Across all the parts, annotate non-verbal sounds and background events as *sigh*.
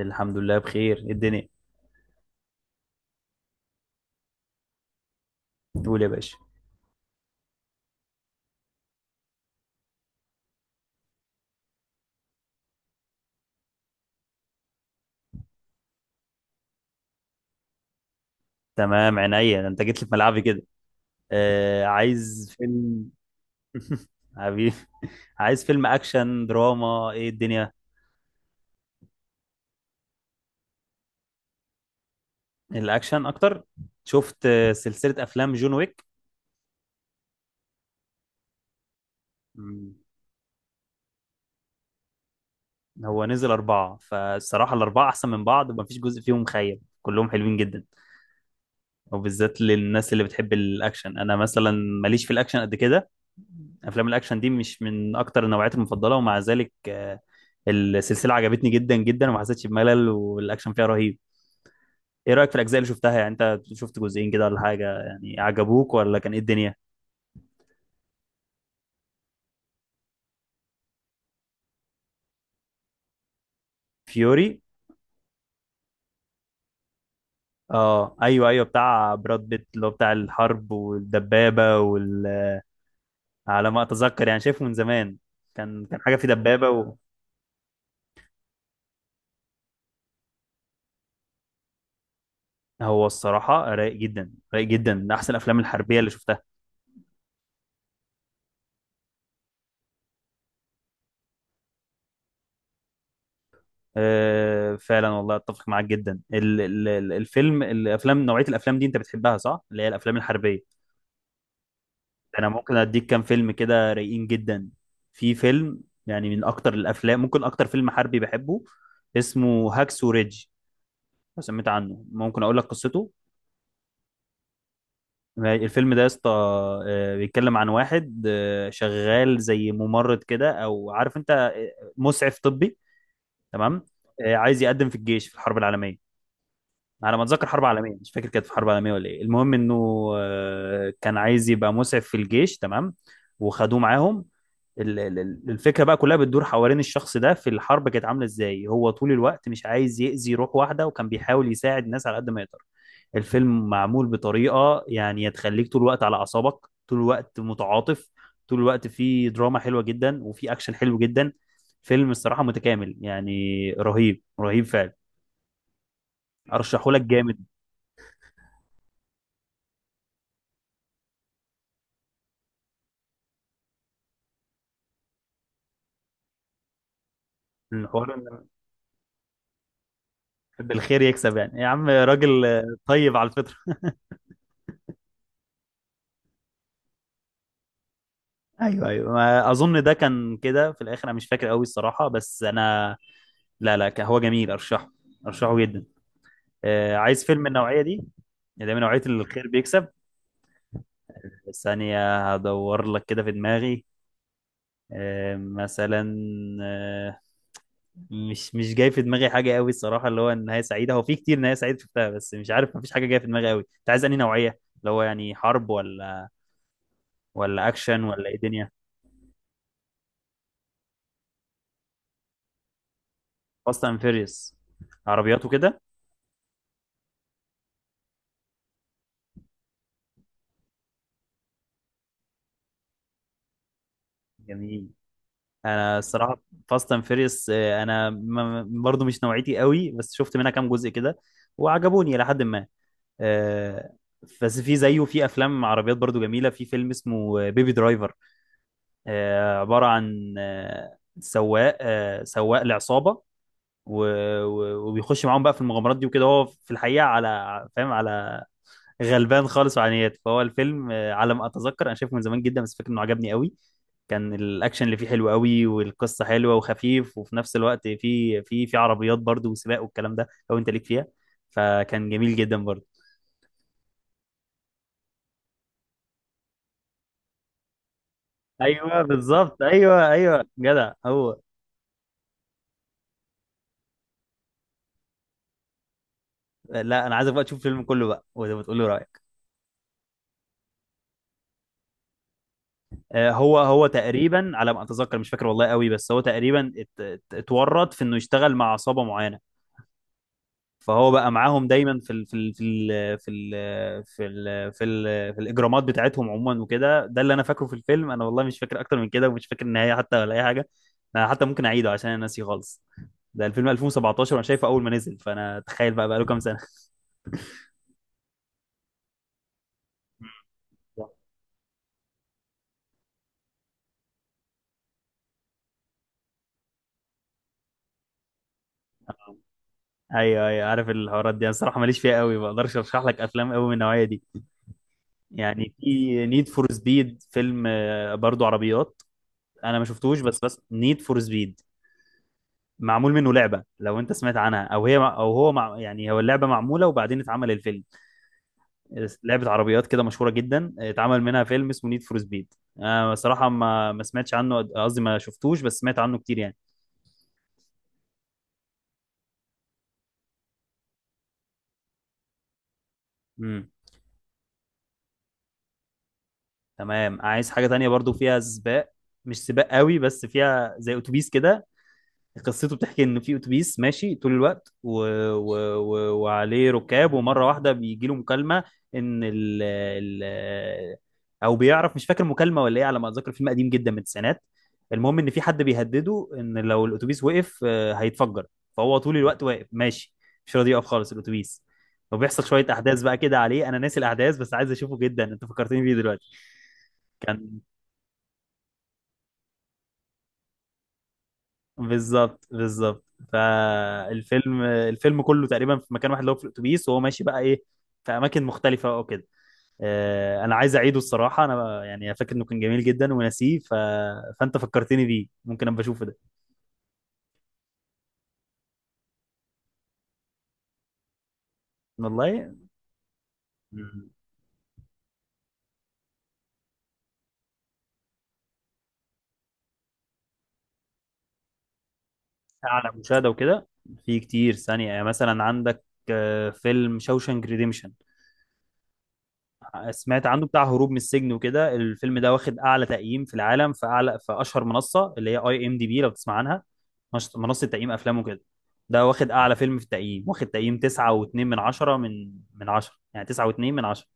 الحمد لله بخير. إيه الدنيا؟ تقول يا باشا. تمام عينيا، ده انت جيت لي في ملعبي كده. آه، عايز فيلم. *laughs* حبيبي، عايز فيلم اكشن دراما، ايه الدنيا؟ الاكشن اكتر. شفت سلسلة افلام جون ويك. مم. هو نزل اربعة، فالصراحة الاربعة احسن من بعض، ومفيش جزء فيهم خيب، كلهم حلوين جدا، وبالذات للناس اللي بتحب الاكشن. انا مثلا ماليش في الاكشن قد كده، افلام الاكشن دي مش من اكتر النوعيات المفضله، ومع ذلك السلسله عجبتني جدا جدا، وما حسيتش بملل، والاكشن فيها رهيب. ايه رايك في الاجزاء اللي شفتها؟ يعني انت شفت جزئين كده ولا حاجه، يعني عجبوك، ولا كان ايه الدنيا؟ فيوري، اه، ايوه ايوه، بتاع براد بيت اللي هو بتاع الحرب والدبابه وال... على ما اتذكر يعني، شايفه من زمان، كان حاجه في دبابه. هو الصراحة رايق جدا رايق جدا، من أحسن الأفلام الحربية اللي شفتها. أه فعلا، والله أتفق معاك جدا. الفيلم الأفلام، نوعية الأفلام دي أنت بتحبها صح؟ اللي هي الأفلام الحربية. أنا ممكن أديك كام فيلم كده رايقين جدا. في فيلم يعني من أكتر الأفلام، ممكن أكتر فيلم حربي بحبه، اسمه هاكسو ريدج. لو سمعت عنه ممكن أقول لك قصته. الفيلم ده يا اسطى، بيتكلم عن واحد، شغال زي ممرض كده، أو عارف أنت، مسعف طبي. تمام. عايز يقدم في الجيش في الحرب العالميه، على ما اتذكر حرب عالميه، مش فاكر كانت في حرب عالميه ولا ايه. المهم انه كان عايز يبقى مسعف في الجيش. تمام. وخدوه معاهم. الفكره بقى كلها بتدور حوالين الشخص ده، في الحرب كانت عامله ازاي، هو طول الوقت مش عايز يأذي روح واحده، وكان بيحاول يساعد الناس على قد ما يقدر. الفيلم معمول بطريقة يعني تخليك طول الوقت على أعصابك، طول الوقت متعاطف، طول الوقت فيه دراما حلوة جدا، وفيه أكشن حلو جدا. فيلم الصراحة متكامل يعني، رهيب رهيب فعلا. أرشحه لك جامد. الحوار إن بحب الخير يكسب. يعني يا عم راجل طيب على الفطرة. أيوه أيوه، ما أظن ده كان كده في الآخر، أنا مش فاكر قوي الصراحة، بس أنا لا لا كان- هو جميل، أرشحه، أرشحه جدا. عايز فيلم من النوعية دي، اللي هي من نوعية الخير بيكسب. ثانية هدور لك كده في دماغي. مثلا، آه، مش جاي في دماغي حاجة قوي الصراحة، اللي هو نهاية سعيدة. هو في كتير نهاية سعيدة شفتها، بس مش عارف، مفيش حاجة جاية في دماغي قوي. انت عايز انهي نوعية؟ اللي هو يعني حرب، ولا اكشن، ولا ايه دنيا؟ فاست اند فيريوس، عربيات وكده؟ جميل. انا الصراحة فاست اند فيريوس انا برضو مش نوعيتي قوي، بس شفت منها كام جزء كده، وعجبوني إلى حد ما. آه، بس في زيه في افلام عربيات برضو جميله. في فيلم اسمه بيبي درايفر، عباره عن سواق، سواق لعصابه، و- وبيخش معاهم بقى في المغامرات دي وكده. هو في الحقيقه، على فاهم، على غلبان خالص وعنيات. فهو الفيلم على ما اتذكر انا شايفه من زمان جدا، بس فاكر انه عجبني قوي. كان الاكشن اللي فيه حلو قوي، والقصه حلوه وخفيف، وفي نفس الوقت في عربيات برضو وسباق والكلام ده، لو انت ليك فيها فكان جميل جدا برضو. ايوه بالظبط، ايوه ايوه، جدع هو. لا، انا عايزك بقى تشوف الفيلم كله بقى وتقول لي رايك. هو هو تقريبا، على ما اتذكر مش فاكر والله قوي، بس هو تقريبا اتورط في انه يشتغل مع عصابه معينه. فهو بقى معاهم دايما في الاجرامات بتاعتهم عموما وكده. ده اللي انا فاكره في الفيلم، انا والله مش فاكر اكتر من كده، ومش فاكر النهايه حتى ولا اي حاجه. انا حتى ممكن اعيده عشان انا ناسي خالص. ده الفيلم 2017، وانا شايفه اول ما نزل، فانا تخيل بقى بقى له كام سنه. ايوه ايوه، عارف الحوارات دي انا الصراحه ماليش فيها قوي، ما اقدرش ارشح لك افلام قوي من النوعيه دي. يعني في نيد فور سبيد، فيلم برضو عربيات. انا ما شفتوش، بس نيد فور سبيد معمول منه لعبه، لو انت سمعت عنها. او هي او هو مع يعني، هو اللعبه معموله وبعدين اتعمل الفيلم. لعبه عربيات كده مشهوره جدا، اتعمل منها فيلم اسمه نيد فور سبيد. انا صراحه ما سمعتش عنه، قصدي ما شفتوش، بس سمعت عنه كتير يعني. امم تمام، عايز حاجه تانية برضو فيها سباق، مش سباق قوي بس فيها زي اتوبيس كده. قصته بتحكي ان في اتوبيس ماشي طول الوقت وعليه ركاب، ومره واحده بيجي له مكالمه، ان او بيعرف، مش فاكر مكالمه ولا ايه. على ما اتذكر فيلم قديم جدا من التسعينات. المهم ان في حد بيهدده ان لو الاتوبيس وقف هيتفجر. فهو طول الوقت واقف ماشي، مش راضي يقف خالص الاتوبيس. فبيحصل شويه احداث بقى كده عليه، انا ناسي الاحداث بس عايز اشوفه جدا، انت فكرتني بيه دلوقتي. كان بالظبط بالظبط. فالفيلم كله تقريبا في مكان واحد، اللي هو في الاتوبيس، وهو ماشي بقى ايه، في اماكن مختلفه او كده. انا عايز اعيده الصراحه، انا يعني فاكر انه كان جميل جدا وناسيه، فانت فكرتني بيه، ممكن ابقى اشوفه ده. والله. مم، على مشاهده وكده. في كتير، ثانيه يعني، مثلا عندك فيلم شوشانك ريديمشن، سمعت عنه؟ بتاع هروب من السجن وكده. الفيلم ده واخد اعلى تقييم في العالم، في اعلى، في اشهر منصه اللي هي IMDB، لو تسمع عنها. منصه تقييم افلام وكده. ده واخد اعلى فيلم في التقييم، واخد تقييم 9.2 من 10، من 10، يعني 9.2 من 10.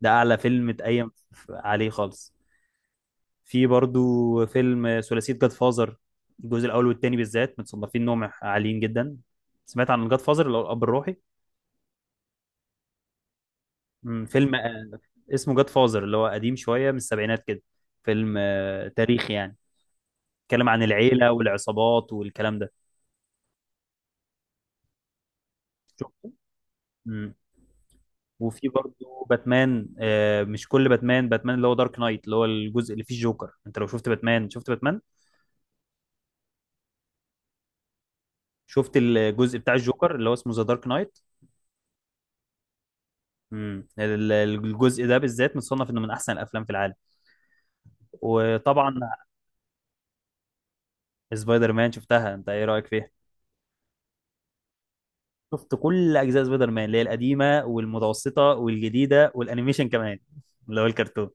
ده اعلى فيلم اتقيم عليه خالص. في برضو فيلم ثلاثيه جاد فازر. الجزء الاول والثاني بالذات متصنفين انهم عاليين جدا. سمعت عن جاد فازر اللي هو الاب الروحي؟ فيلم اسمه جاد فازر، اللي هو قديم شوية من السبعينات كده. فيلم تاريخي يعني، اتكلم عن العيلة والعصابات والكلام ده. شفته؟ مم. وفي برضه باتمان. مش كل باتمان، باتمان اللي هو دارك نايت، اللي هو الجزء اللي فيه الجوكر. انت لو شفت باتمان، شفت باتمان، شفت الجزء بتاع الجوكر اللي هو اسمه ذا دارك نايت؟ مم. الجزء ده بالذات متصنف انه من احسن الافلام في العالم. وطبعا سبايدر مان شفتها، انت ايه رأيك فيها؟ شفت كل اجزاء سبايدر مان اللي هي القديمه والمتوسطه والجديده والانيميشن كمان، اللي هو الكرتون.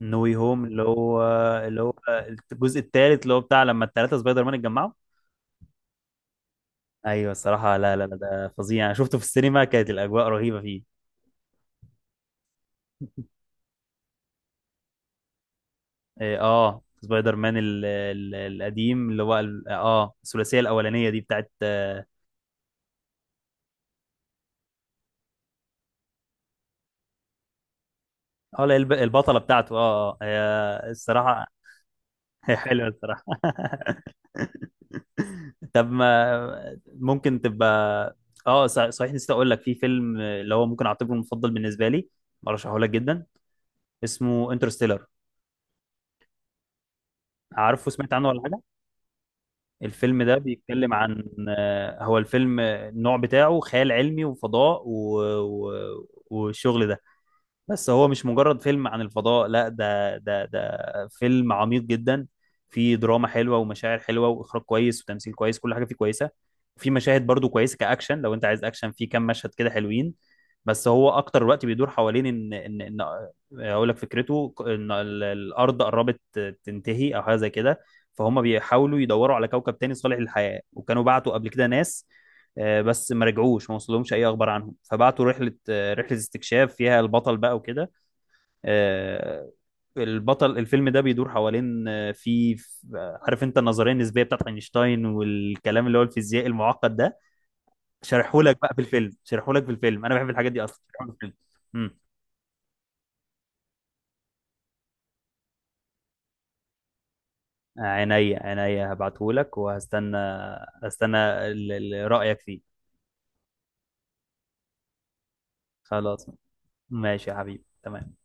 نو واي هوم، اللي هو الجزء الثالث، اللي هو بتاع لما الثلاثه سبايدر مان اتجمعوا. ايوه الصراحه، لا لا لا ده فظيع، انا شفته في السينما، كانت الاجواء رهيبه فيه. إيه، اه سبايدر مان، ال القديم، اللي هو الثلاثيه الاولانيه دي بتاعت لا، البطله بتاعته، اه اه. هي الصراحه *laughs* هي حلوه الصراحه *laughs* طب ما ممكن تبقى، اه صحيح، نسيت اقول لك في فيلم اللي هو ممكن اعتبره المفضل بالنسبه لي، برشحه لك جدا، اسمه انترستيلر. عارفه؟ سمعت عنه ولا حاجه؟ الفيلم ده بيتكلم عن هو الفيلم النوع بتاعه خيال علمي وفضاء والشغل ده. بس هو مش مجرد فيلم عن الفضاء، لا، ده فيلم عميق جدا. فيه دراما حلوة ومشاعر حلوة وإخراج كويس وتمثيل كويس، كل حاجة فيه كويسة. وفي مشاهد برضو كويسة كأكشن، لو أنت عايز أكشن فيه كام مشهد كده حلوين. بس هو أكتر الوقت بيدور حوالين إن إن، أقول لك فكرته، إن الأرض قربت تنتهي أو حاجة زي كده. فهم بيحاولوا يدوروا على كوكب تاني صالح للحياة، وكانوا بعتوا قبل كده ناس بس ما رجعوش، ما وصلهمش أي أخبار عنهم. فبعتوا رحلة، رحله استكشاف فيها البطل بقى وكده. آه، البطل الفيلم ده بيدور حوالين في عارف انت النظريه النسبيه بتاعت اينشتاين والكلام، اللي هو الفيزياء المعقد ده، شارحهولك بقى في الفيلم، شارحهولك في الفيلم، انا بحب الحاجات دي اصلا، شارحهولك في الفيلم. امم عينيا عينيا، هبعتهولك وهستنى، هستنى رايك فيه. خلاص، ماشي يا حبيبي، تمام.